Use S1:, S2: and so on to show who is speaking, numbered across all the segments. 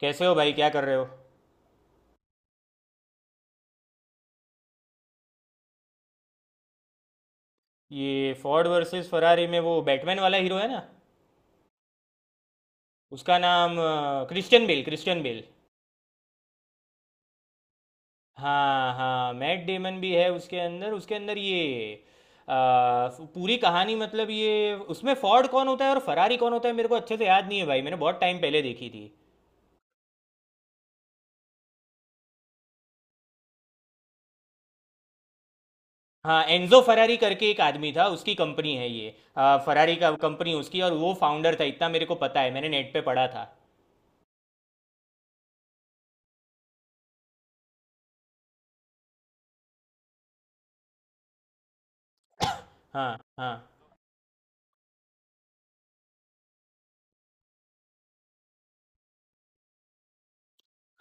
S1: कैसे हो भाई? क्या कर रहे हो? ये फोर्ड वर्सेस फरारी में वो बैटमैन वाला हीरो है ना। उसका नाम क्रिश्चियन बेल क्रिश्चियन बेल। हाँ हाँ, मैट डेमन भी है उसके अंदर। ये अ, पूरी कहानी मतलब ये उसमें फोर्ड कौन होता है और फरारी कौन होता है मेरे को अच्छे से याद नहीं है भाई। मैंने बहुत टाइम पहले देखी थी। हाँ, एनजो फरारी करके एक आदमी था, उसकी कंपनी है ये। फरारी का कंपनी उसकी, और वो फाउंडर था, इतना मेरे को पता है। मैंने नेट पे पढ़ा था। हाँ हाँ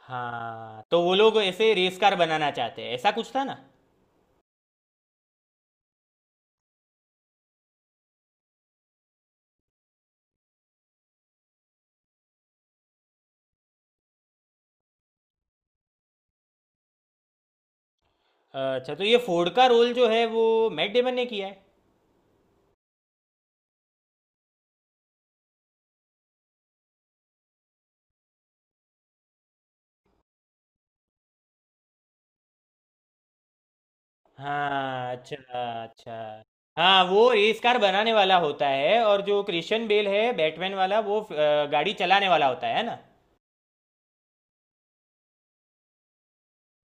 S1: हाँ, तो वो लोग ऐसे रेस कार बनाना चाहते हैं, ऐसा कुछ था ना। अच्छा, तो ये फोर्ड का रोल जो है वो मैट डेमन ने किया है। हाँ, अच्छा। अच्छा। हाँ, वो रेस कार बनाने वाला होता है और जो क्रिश्चियन बेल है बैटमैन वाला वो गाड़ी चलाने वाला होता है ना।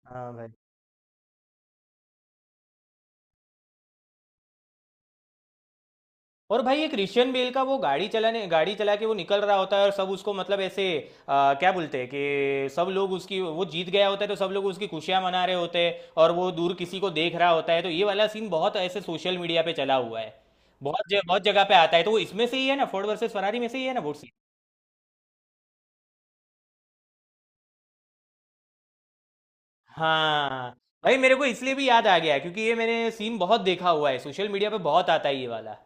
S1: हाँ भाई, और भाई ये क्रिश्चियन बेल का वो गाड़ी चला के वो निकल रहा होता है और सब उसको मतलब ऐसे क्या बोलते हैं, कि सब लोग उसकी, वो जीत गया होता है तो सब लोग उसकी खुशियां मना रहे होते हैं और वो दूर किसी को देख रहा होता है, तो ये वाला सीन बहुत ऐसे सोशल मीडिया पे चला हुआ है। बहुत जगह पे आता है, तो वो इसमें से ही है ना, फोर्ड वर्सेस फरारी में से ही है ना वो सीन। हाँ भाई, मेरे को इसलिए भी याद आ गया क्योंकि ये मैंने सीन बहुत देखा हुआ है, सोशल मीडिया पे बहुत आता है ये वाला।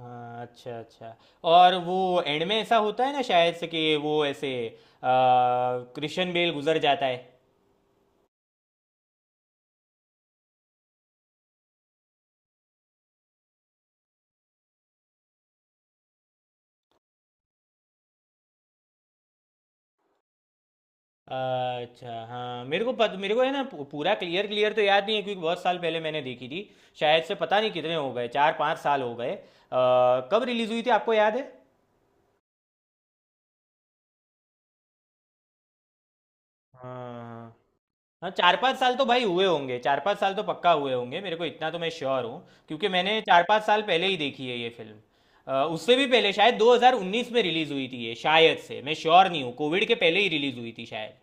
S1: हाँ, अच्छा अच्छा। और वो एंड में ऐसा होता है ना शायद से, कि वो ऐसे क्रिश्चियन बेल गुजर जाता है। अच्छा, हाँ मेरे को मेरे को है ना पूरा क्लियर क्लियर तो याद नहीं है क्योंकि बहुत साल पहले मैंने देखी थी। शायद से पता नहीं कितने हो गए, 4-5 साल हो गए। कब रिलीज हुई थी आपको याद है? हाँ हाँ, 4-5 साल तो भाई हुए होंगे, 4-5 साल तो पक्का हुए होंगे, मेरे को इतना तो मैं श्योर हूँ। क्योंकि मैंने 4-5 साल पहले ही देखी है ये फिल्म। उससे भी पहले शायद 2019 में रिलीज हुई थी ये, शायद से मैं श्योर नहीं हूँ, कोविड के पहले ही रिलीज हुई थी शायद।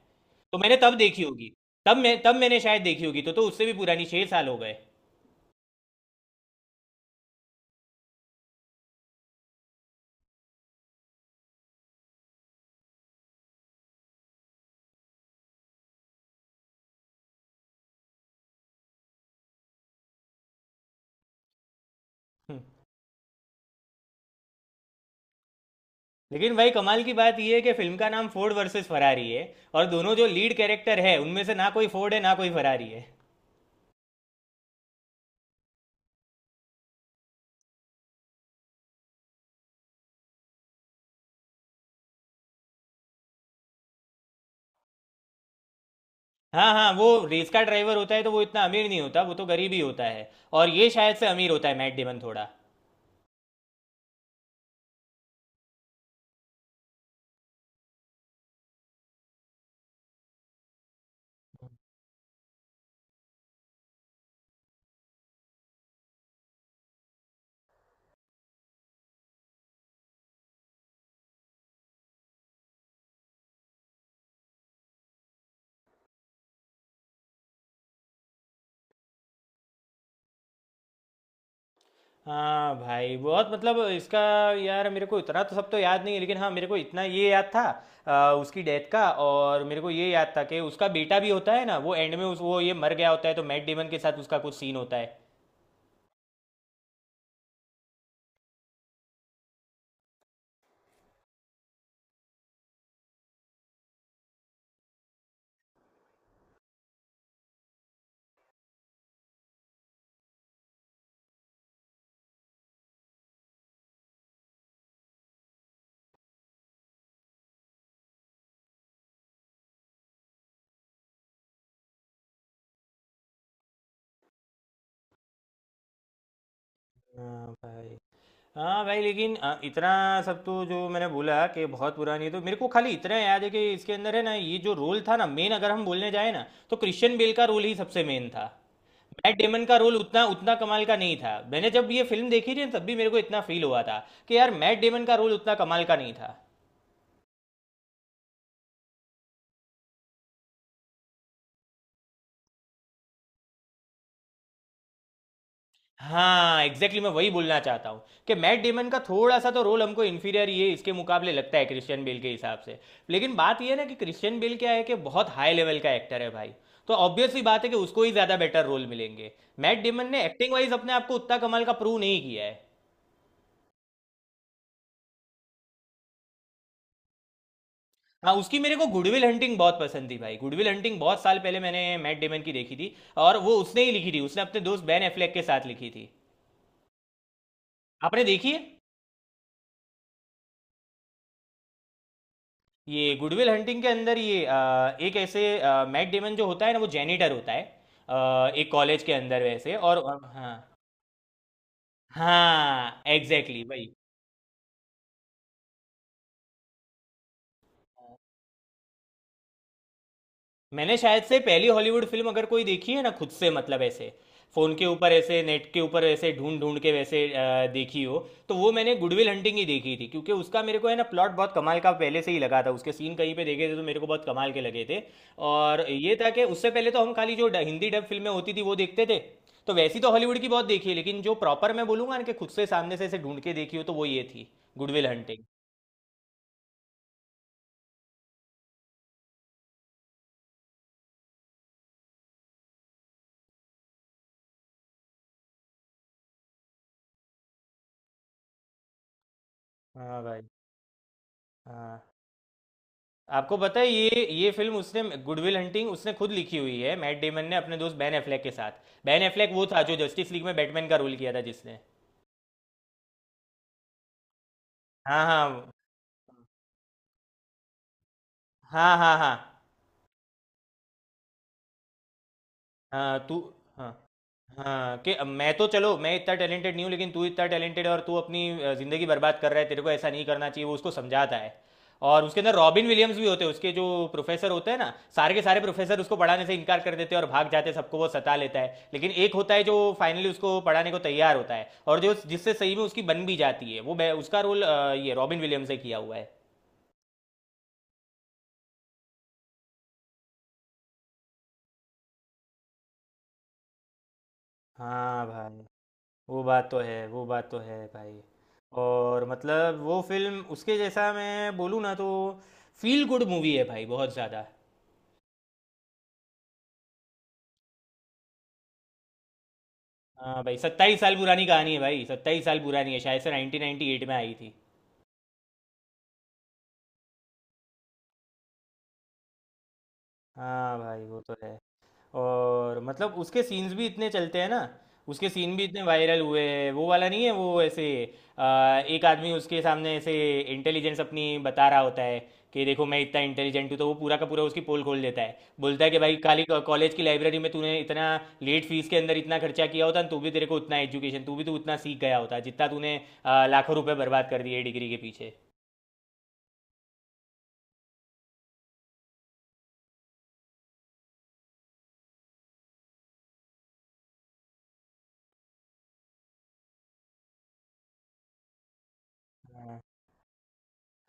S1: तो मैंने तब देखी होगी। तब मैंने शायद देखी होगी, तो उससे भी पुरानी, 6 साल हो गए। हम्म। लेकिन भाई कमाल की बात यह है कि फिल्म का नाम फोर्ड वर्सेस फरारी है, और दोनों जो लीड कैरेक्टर है उनमें से ना कोई फोर्ड है ना कोई फरारी है। हाँ हाँ, वो रेस का ड्राइवर होता है तो वो इतना अमीर नहीं होता, वो तो गरीब ही होता है। और ये शायद से अमीर होता है मैट डेमन थोड़ा। हाँ भाई, बहुत मतलब इसका। यार मेरे को इतना तो सब तो याद नहीं है लेकिन हाँ, मेरे को इतना ये याद था उसकी डेथ का। और मेरे को ये याद था कि उसका बेटा भी होता है ना, वो एंड में उस वो ये मर गया होता है तो मैट डेमन के साथ उसका कुछ सीन होता है। हाँ भाई। हाँ भाई लेकिन इतना सब तो जो मैंने बोला कि बहुत पुरानी है, तो मेरे को खाली इतना याद है कि इसके अंदर है ना ये जो रोल था ना मेन, अगर हम बोलने जाए ना तो क्रिश्चियन बेल का रोल ही सबसे मेन था। मैट डेमन का रोल उतना उतना कमाल का नहीं था। मैंने जब ये फिल्म देखी थी ना, तब भी मेरे को इतना फील हुआ था कि यार, मैट डेमन का रोल उतना कमाल का नहीं था। हाँ एग्जैक्टली exactly मैं वही बोलना चाहता हूँ कि मैट डेमन का थोड़ा सा तो रोल हमको इन्फीरियर ये इसके मुकाबले लगता है, क्रिश्चियन बेल के हिसाब से। लेकिन बात ये है ना कि क्रिश्चियन बेल क्या है, कि बहुत हाई लेवल का एक्टर है भाई। तो ऑब्वियसली बात है कि उसको ही ज़्यादा बेटर रोल मिलेंगे। मैट डेमन ने एक्टिंग वाइज अपने आप को उतना कमाल का प्रूव नहीं किया है। हाँ, उसकी मेरे को गुडविल हंटिंग बहुत पसंद थी भाई। गुडविल हंटिंग बहुत साल पहले मैंने मैट डेमन की देखी थी। और वो उसने ही लिखी थी, उसने अपने दोस्त बैन एफ्लेक के साथ लिखी थी। आपने देखी है? ये गुडविल हंटिंग के अंदर ये एक ऐसे मैट डेमन जो होता है ना वो जेनिटर होता है। एक कॉलेज के अंदर वैसे हाँ। हाँ एग्जैक्टली भाई। मैंने शायद से पहली हॉलीवुड फिल्म अगर कोई देखी है ना खुद से, मतलब ऐसे फोन के ऊपर, ऐसे नेट के ऊपर ऐसे ढूंढ ढूंढ के वैसे देखी हो, तो वो मैंने गुडविल हंटिंग ही देखी थी, क्योंकि उसका मेरे को है ना प्लॉट बहुत कमाल का पहले से ही लगा था, उसके सीन कहीं पे देखे थे तो मेरे को बहुत कमाल के लगे थे। और ये था कि उससे पहले तो हम खाली जो हिंदी डब फिल्में होती थी वो देखते थे। तो वैसी तो हॉलीवुड की बहुत देखी है, लेकिन जो प्रॉपर मैं बोलूंगा ना कि खुद से सामने से ऐसे ढूंढ के देखी हो, तो वो ये थी गुडविल हंटिंग। हाँ भाई। हाँ, आपको पता है ये फिल्म उसने, गुडविल हंटिंग, उसने खुद लिखी हुई है, मैट डेमन ने अपने दोस्त बैन एफ्लेक के साथ। बैन एफ्लेक वो था जो जस्टिस लीग में बैटमैन का रोल किया था जिसने। हाँ हाँ हाँ हाँ हाँ हाँ तू। हाँ हाँ, कि अब मैं तो, चलो मैं इतना टैलेंटेड नहीं हूँ लेकिन तू इतना टैलेंटेड है, और तू अपनी ज़िंदगी बर्बाद कर रहा है, तेरे को ऐसा नहीं करना चाहिए, वो उसको समझाता है। और उसके अंदर रॉबिन विलियम्स भी होते हैं, उसके जो प्रोफेसर होते हैं ना, सारे के सारे प्रोफेसर उसको पढ़ाने से इनकार कर देते हैं और भाग जाते हैं, सबको वो सता लेता है, लेकिन एक होता है जो फाइनली उसको पढ़ाने को तैयार होता है, और जो जिससे सही में उसकी बन भी जाती है वो उसका रोल ये रॉबिन विलियम्स ने किया हुआ है। हाँ भाई, वो बात तो है, वो बात तो है भाई। और मतलब वो फिल्म, उसके जैसा मैं बोलूँ ना तो फील गुड मूवी है भाई, बहुत ज़्यादा। हाँ भाई, 27 साल पुरानी कहानी है भाई, 27 साल पुरानी है। शायद से 1998 में आई थी। हाँ भाई, वो तो है। और मतलब उसके सीन्स भी इतने चलते हैं ना। उसके सीन भी इतने वायरल हुए हैं, वो वाला नहीं है, वो ऐसे एक आदमी उसके सामने ऐसे इंटेलिजेंस अपनी बता रहा होता है। कि देखो मैं इतना इंटेलिजेंट हूँ, तो वो पूरा का पूरा उसकी पोल खोल देता है, बोलता है कि भाई खाली कॉलेज की लाइब्रेरी में तूने इतना लेट फीस के अंदर इतना खर्चा किया होता ना, तो भी तेरे को उतना एजुकेशन तू उतना सीख गया होता, जितना तूने लाखों रुपए बर्बाद कर दिए डिग्री के पीछे।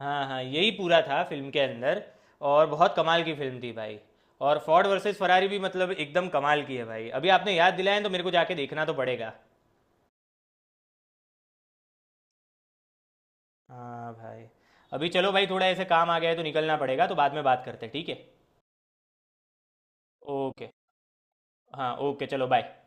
S1: हाँ हाँ, यही पूरा था फिल्म के अंदर। और बहुत कमाल की फिल्म थी भाई। और फोर्ड वर्सेस फरारी भी मतलब एकदम कमाल की है भाई, अभी आपने याद दिलाया है तो मेरे को जाके देखना तो पड़ेगा। हाँ भाई। अभी चलो भाई, थोड़ा ऐसे काम आ गया है तो निकलना पड़ेगा, तो बाद में बात करते हैं ठीक है? ओके। हाँ ओके, चलो बाय।